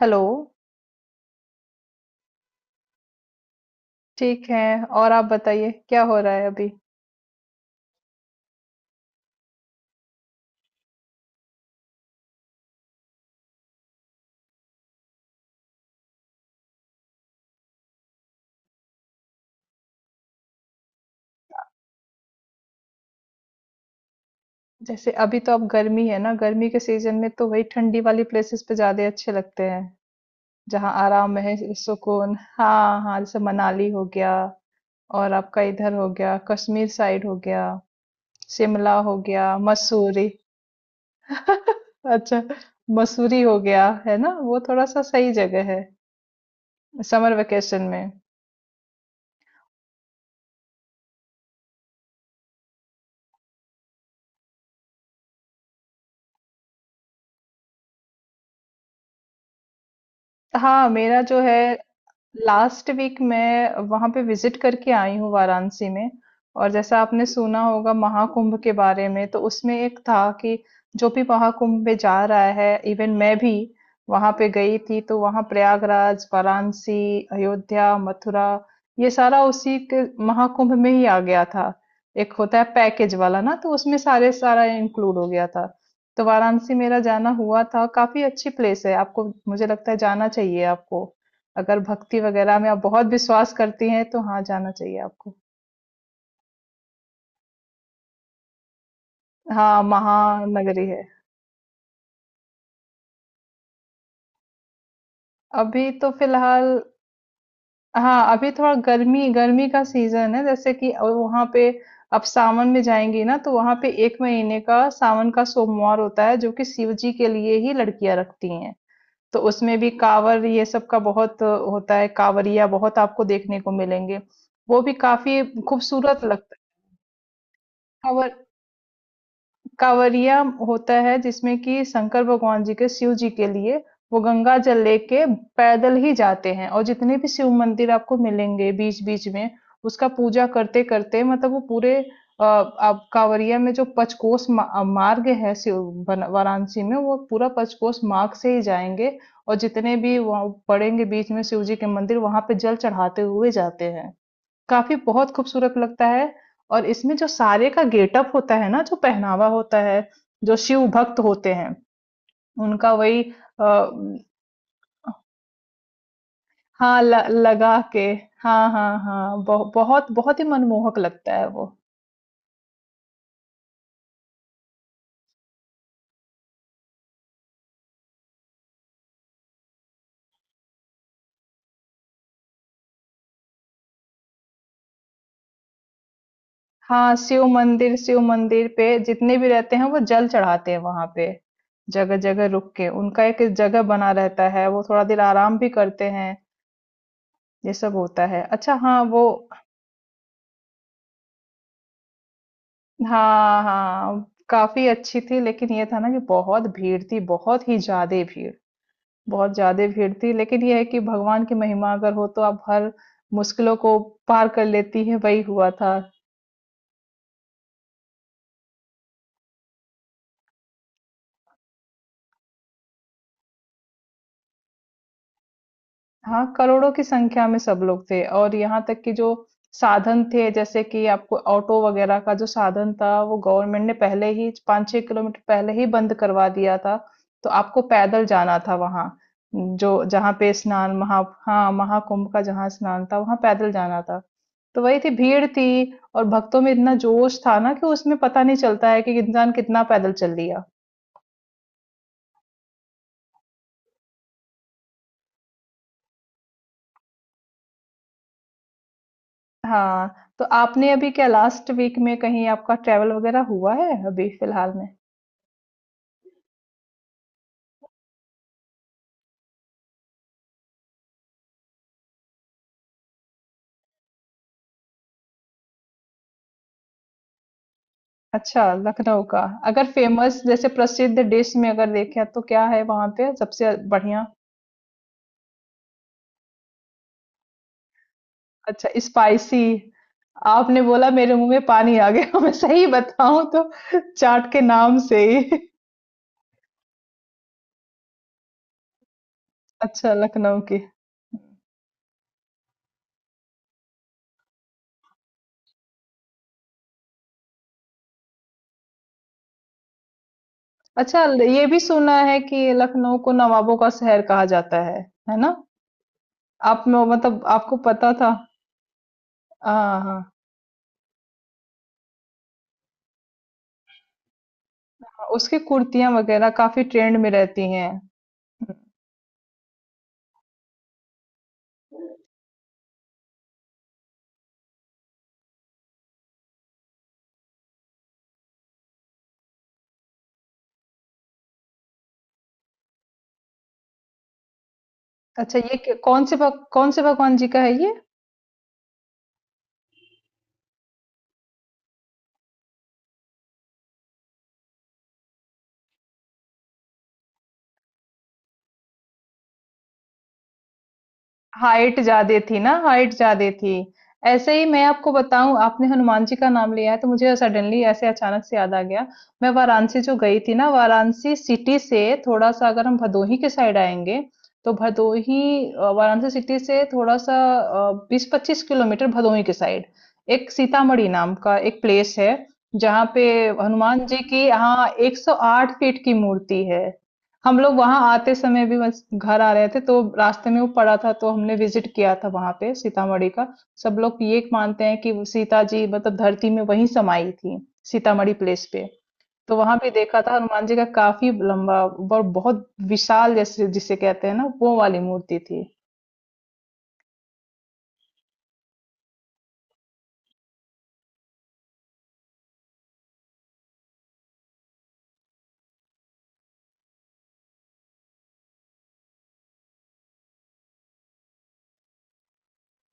Hello, ठीक है। और आप बताइए क्या हो रहा है अभी? जैसे अभी तो अब गर्मी है ना, गर्मी के सीजन में तो वही ठंडी वाली प्लेसेस पे ज्यादा अच्छे लगते हैं, जहाँ आराम है, सुकून। हाँ हाँ, जैसे मनाली हो गया और आपका इधर हो गया, कश्मीर साइड हो गया, शिमला हो गया, मसूरी। अच्छा, मसूरी हो गया है ना, वो थोड़ा सा सही जगह है समर वेकेशन में। हाँ, मेरा जो है लास्ट वीक मैं वहां पे विजिट करके आई हूँ वाराणसी में। और जैसा आपने सुना होगा महाकुंभ के बारे में, तो उसमें एक था कि जो भी महाकुंभ में जा रहा है, इवन मैं भी वहां पे गई थी, तो वहां प्रयागराज, वाराणसी, अयोध्या, मथुरा, ये सारा उसी के महाकुंभ में ही आ गया था। एक होता है पैकेज वाला ना, तो उसमें सारे सारा इंक्लूड हो गया था। तो वाराणसी मेरा जाना हुआ था, काफी अच्छी प्लेस है, आपको मुझे लगता है जाना चाहिए आपको। अगर भक्ति वगैरह में आप बहुत विश्वास करती हैं, तो हाँ, जाना चाहिए आपको। हाँ, महानगरी है। अभी तो फ़िलहाल हाँ, अभी थोड़ा गर्मी गर्मी का सीज़न है जैसे कि। और वहाँ पे आप सावन में जाएँगी ना, तो वहाँ पे 1 महीने का सावन का सोमवार होता है, जो कि शिव जी के लिए ही लड़कियाँ रखती हैं। तो उसमें भी काँवड़ ये सब का बहुत होता है, काँवड़िया बहुत आपको देखने को मिलेंगे। वो भी काफ़ी खूबसूरत लगता है। काँवड़ कांवरिया होता है जिसमें कि शंकर भगवान जी के, शिव जी के लिए वो गंगा जल लेके पैदल ही जाते हैं, और जितने भी शिव मंदिर आपको मिलेंगे बीच बीच में उसका पूजा करते करते, मतलब वो पूरे आप कांवरिया में जो पचकोस मार्ग है, शिव वाराणसी में वो पूरा पचकोस मार्ग से ही जाएंगे। और जितने भी वहाँ पड़ेंगे बीच में शिव जी के मंदिर, वहां पे जल चढ़ाते हुए जाते हैं, काफ़ी बहुत खूबसूरत लगता है। और इसमें जो सारे का गेटअप होता है ना, जो पहनावा होता है, जो शिव भक्त होते हैं, उनका वही अ, हाँ, ल लगा के, हाँ, हाँ, हाँ, बहुत बहुत ही मनमोहक लगता है वो। हाँ, शिव मंदिर पे जितने भी रहते हैं वो जल चढ़ाते हैं वहाँ पे, जगह-जगह रुक के। उनका एक जगह बना रहता है, वो थोड़ा देर आराम भी करते हैं, ये सब होता है। अच्छा हाँ, वो हाँ हाँ, काफी अच्छी थी, लेकिन ये था ना कि बहुत भीड़ थी, बहुत ही ज्यादा भीड़, बहुत ज्यादा भीड़ थी। लेकिन ये है कि भगवान की महिमा अगर हो, तो आप हर मुश्किलों को पार कर लेती है, वही हुआ था। हाँ, करोड़ों की संख्या में सब लोग थे, और यहाँ तक कि जो साधन थे, जैसे कि आपको ऑटो वगैरह का जो साधन था, वो गवर्नमेंट ने पहले ही 5-6 किलोमीटर पहले ही बंद करवा दिया था। तो आपको पैदल जाना था वहाँ, जो जहाँ पे स्नान। महा हाँ, महाकुंभ का जहाँ स्नान था, वहाँ पैदल जाना था। तो वही थी, भीड़ थी, और भक्तों में इतना जोश था ना कि उसमें पता नहीं चलता है कि इंसान कितना पैदल चल लिया। हाँ, तो आपने अभी क्या लास्ट वीक में कहीं आपका ट्रेवल वगैरह हुआ है अभी फिलहाल में? अच्छा, लखनऊ का अगर फेमस जैसे प्रसिद्ध डिश में अगर देखें, तो क्या है वहां पे सबसे बढ़िया? अच्छा, स्पाइसी। आपने बोला मेरे मुंह में पानी आ गया। मैं सही बताऊं तो चाट के नाम से ही। अच्छा, लखनऊ की। अच्छा, ये भी सुना है कि लखनऊ को नवाबों का शहर कहा जाता है ना? आप में मतलब आपको पता था? हाँ हाँ हाँ, उसकी कुर्तियां वगैरह काफी ट्रेंड में रहती हैं। अच्छा, ये क कौन से भग कौन से भगवान जी का है ये? हाइट ज्यादा थी ना, हाइट ज्यादा थी। ऐसे ही मैं आपको बताऊं, आपने हनुमान जी का नाम लिया है तो मुझे सडनली ऐसे अचानक से याद आ गया। मैं वाराणसी जो गई थी ना, वाराणसी सिटी से थोड़ा सा अगर हम भदोही के साइड आएंगे, तो भदोही वाराणसी सिटी से थोड़ा सा 20-25 किलोमीटर भदोही के साइड एक सीतामढ़ी नाम का एक प्लेस है, जहाँ पे हनुमान जी की, हाँ, 108 फीट की मूर्ति है। हम लोग वहां आते समय भी बस घर आ रहे थे, तो रास्ते में वो पड़ा था, तो हमने विजिट किया था वहां पे सीतामढ़ी का। सब लोग ये मानते हैं कि वो सीता जी मतलब धरती में वहीं समाई थी, सीतामढ़ी प्लेस पे। तो वहां भी देखा था, हनुमान जी का काफी लंबा और बहुत विशाल, जैसे जिसे कहते हैं ना, वो वाली मूर्ति थी।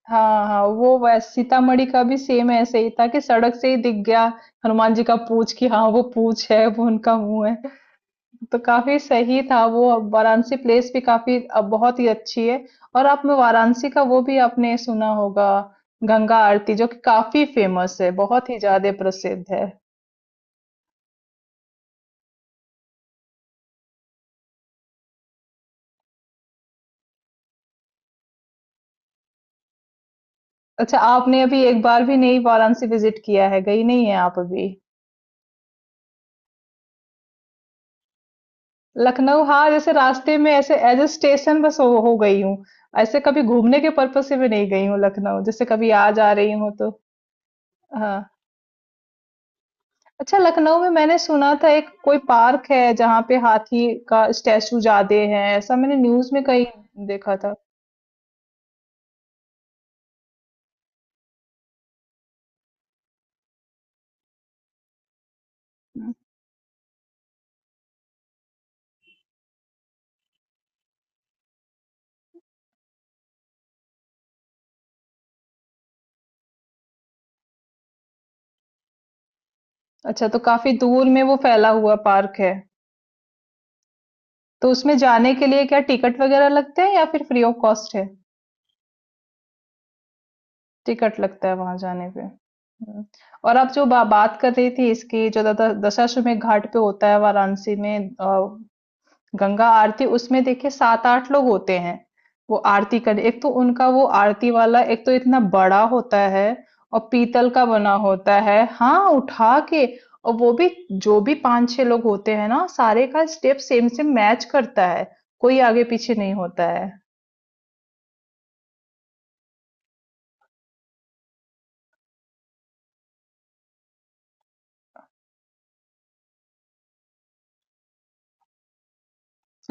हाँ हाँ, वो वैसे सीतामढ़ी का भी सेम ऐसे ही था कि सड़क से ही दिख गया हनुमान जी का पूंछ, कि हाँ वो पूंछ है, वो उनका मुंह है। तो काफ़ी सही था वो। अब वाराणसी प्लेस भी काफ़ी बहुत ही अच्छी है। और आप में वाराणसी का वो भी आपने सुना होगा, गंगा आरती जो कि काफ़ी फेमस है, बहुत ही ज़्यादा प्रसिद्ध है। अच्छा, आपने अभी एक बार भी नहीं वाराणसी विजिट किया है, गई नहीं है आप अभी? लखनऊ, हाँ, जैसे रास्ते में ऐसे एज अ स्टेशन बस हो गई हूँ। ऐसे कभी घूमने के पर्पज़ से भी नहीं गई हूँ लखनऊ, जैसे कभी आज आ जा रही हूँ तो। हाँ। अच्छा, लखनऊ में मैंने सुना था एक कोई पार्क है जहाँ पे हाथी का स्टैचू ज्यादा है, ऐसा मैंने न्यूज में कहीं देखा था। अच्छा, तो काफी दूर में वो फैला हुआ पार्क है? तो उसमें जाने के लिए क्या टिकट वगैरह लगते हैं या फिर फ्री ऑफ कॉस्ट है? टिकट लगता है वहां जाने पे, और आप जो बात कर रही थी इसकी, जो दशाश्वमेध घाट पे होता है वाराणसी में, गंगा आरती, उसमें देखिए सात आठ लोग होते हैं वो आरती करने। एक तो उनका वो आरती वाला, एक तो इतना बड़ा होता है और पीतल का बना होता है, हाँ, उठा के। और वो भी जो भी पांच छह लोग होते हैं ना, सारे का स्टेप सेम सेम मैच करता है, कोई आगे पीछे नहीं होता है।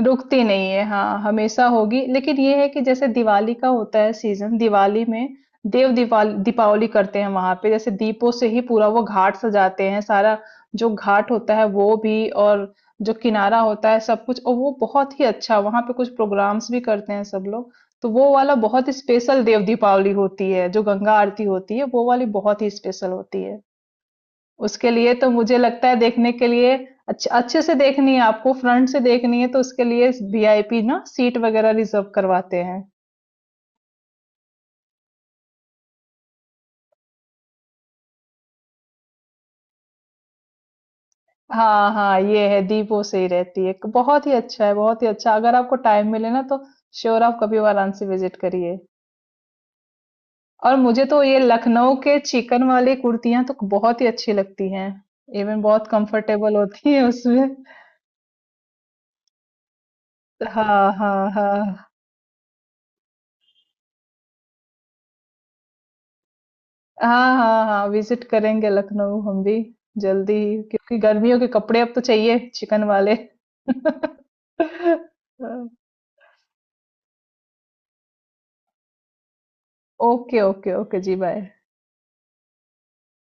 रुकती नहीं है हाँ, हमेशा होगी। लेकिन ये है कि जैसे दिवाली का होता है सीजन, दिवाली में देव दीपावली दीपावली करते हैं वहां पे, जैसे दीपों से ही पूरा वो घाट सजाते हैं सारा। जो घाट होता है वो भी, और जो किनारा होता है सब कुछ, और वो बहुत ही अच्छा, वहां पे कुछ प्रोग्राम्स भी करते हैं सब लोग। तो वो वाला बहुत ही स्पेशल देव दीपावली होती है, जो गंगा आरती होती है वो वाली बहुत ही स्पेशल होती है। उसके लिए तो मुझे लगता है देखने के लिए, अच्छे अच्छे से देखनी है आपको, फ्रंट से देखनी है तो उसके लिए वीआईपी ना सीट वगैरह रिजर्व करवाते हैं। हाँ हाँ, ये है, दीप वो सही रहती है, बहुत ही अच्छा है, बहुत ही अच्छा। अगर आपको टाइम मिले ना, तो श्योर आप कभी वाराणसी विजिट करिए। और मुझे तो ये लखनऊ के चिकन वाली कुर्तियां तो बहुत ही अच्छी लगती हैं, इवन बहुत कंफर्टेबल होती है उसमें। हाँ हाँ हाँ हाँ, हाँ, हाँ, विजिट करेंगे लखनऊ हम भी जल्दी ही, क्योंकि गर्मियों के कपड़े अब तो चाहिए चिकन वाले। ओके ओके ओके जी, बाय।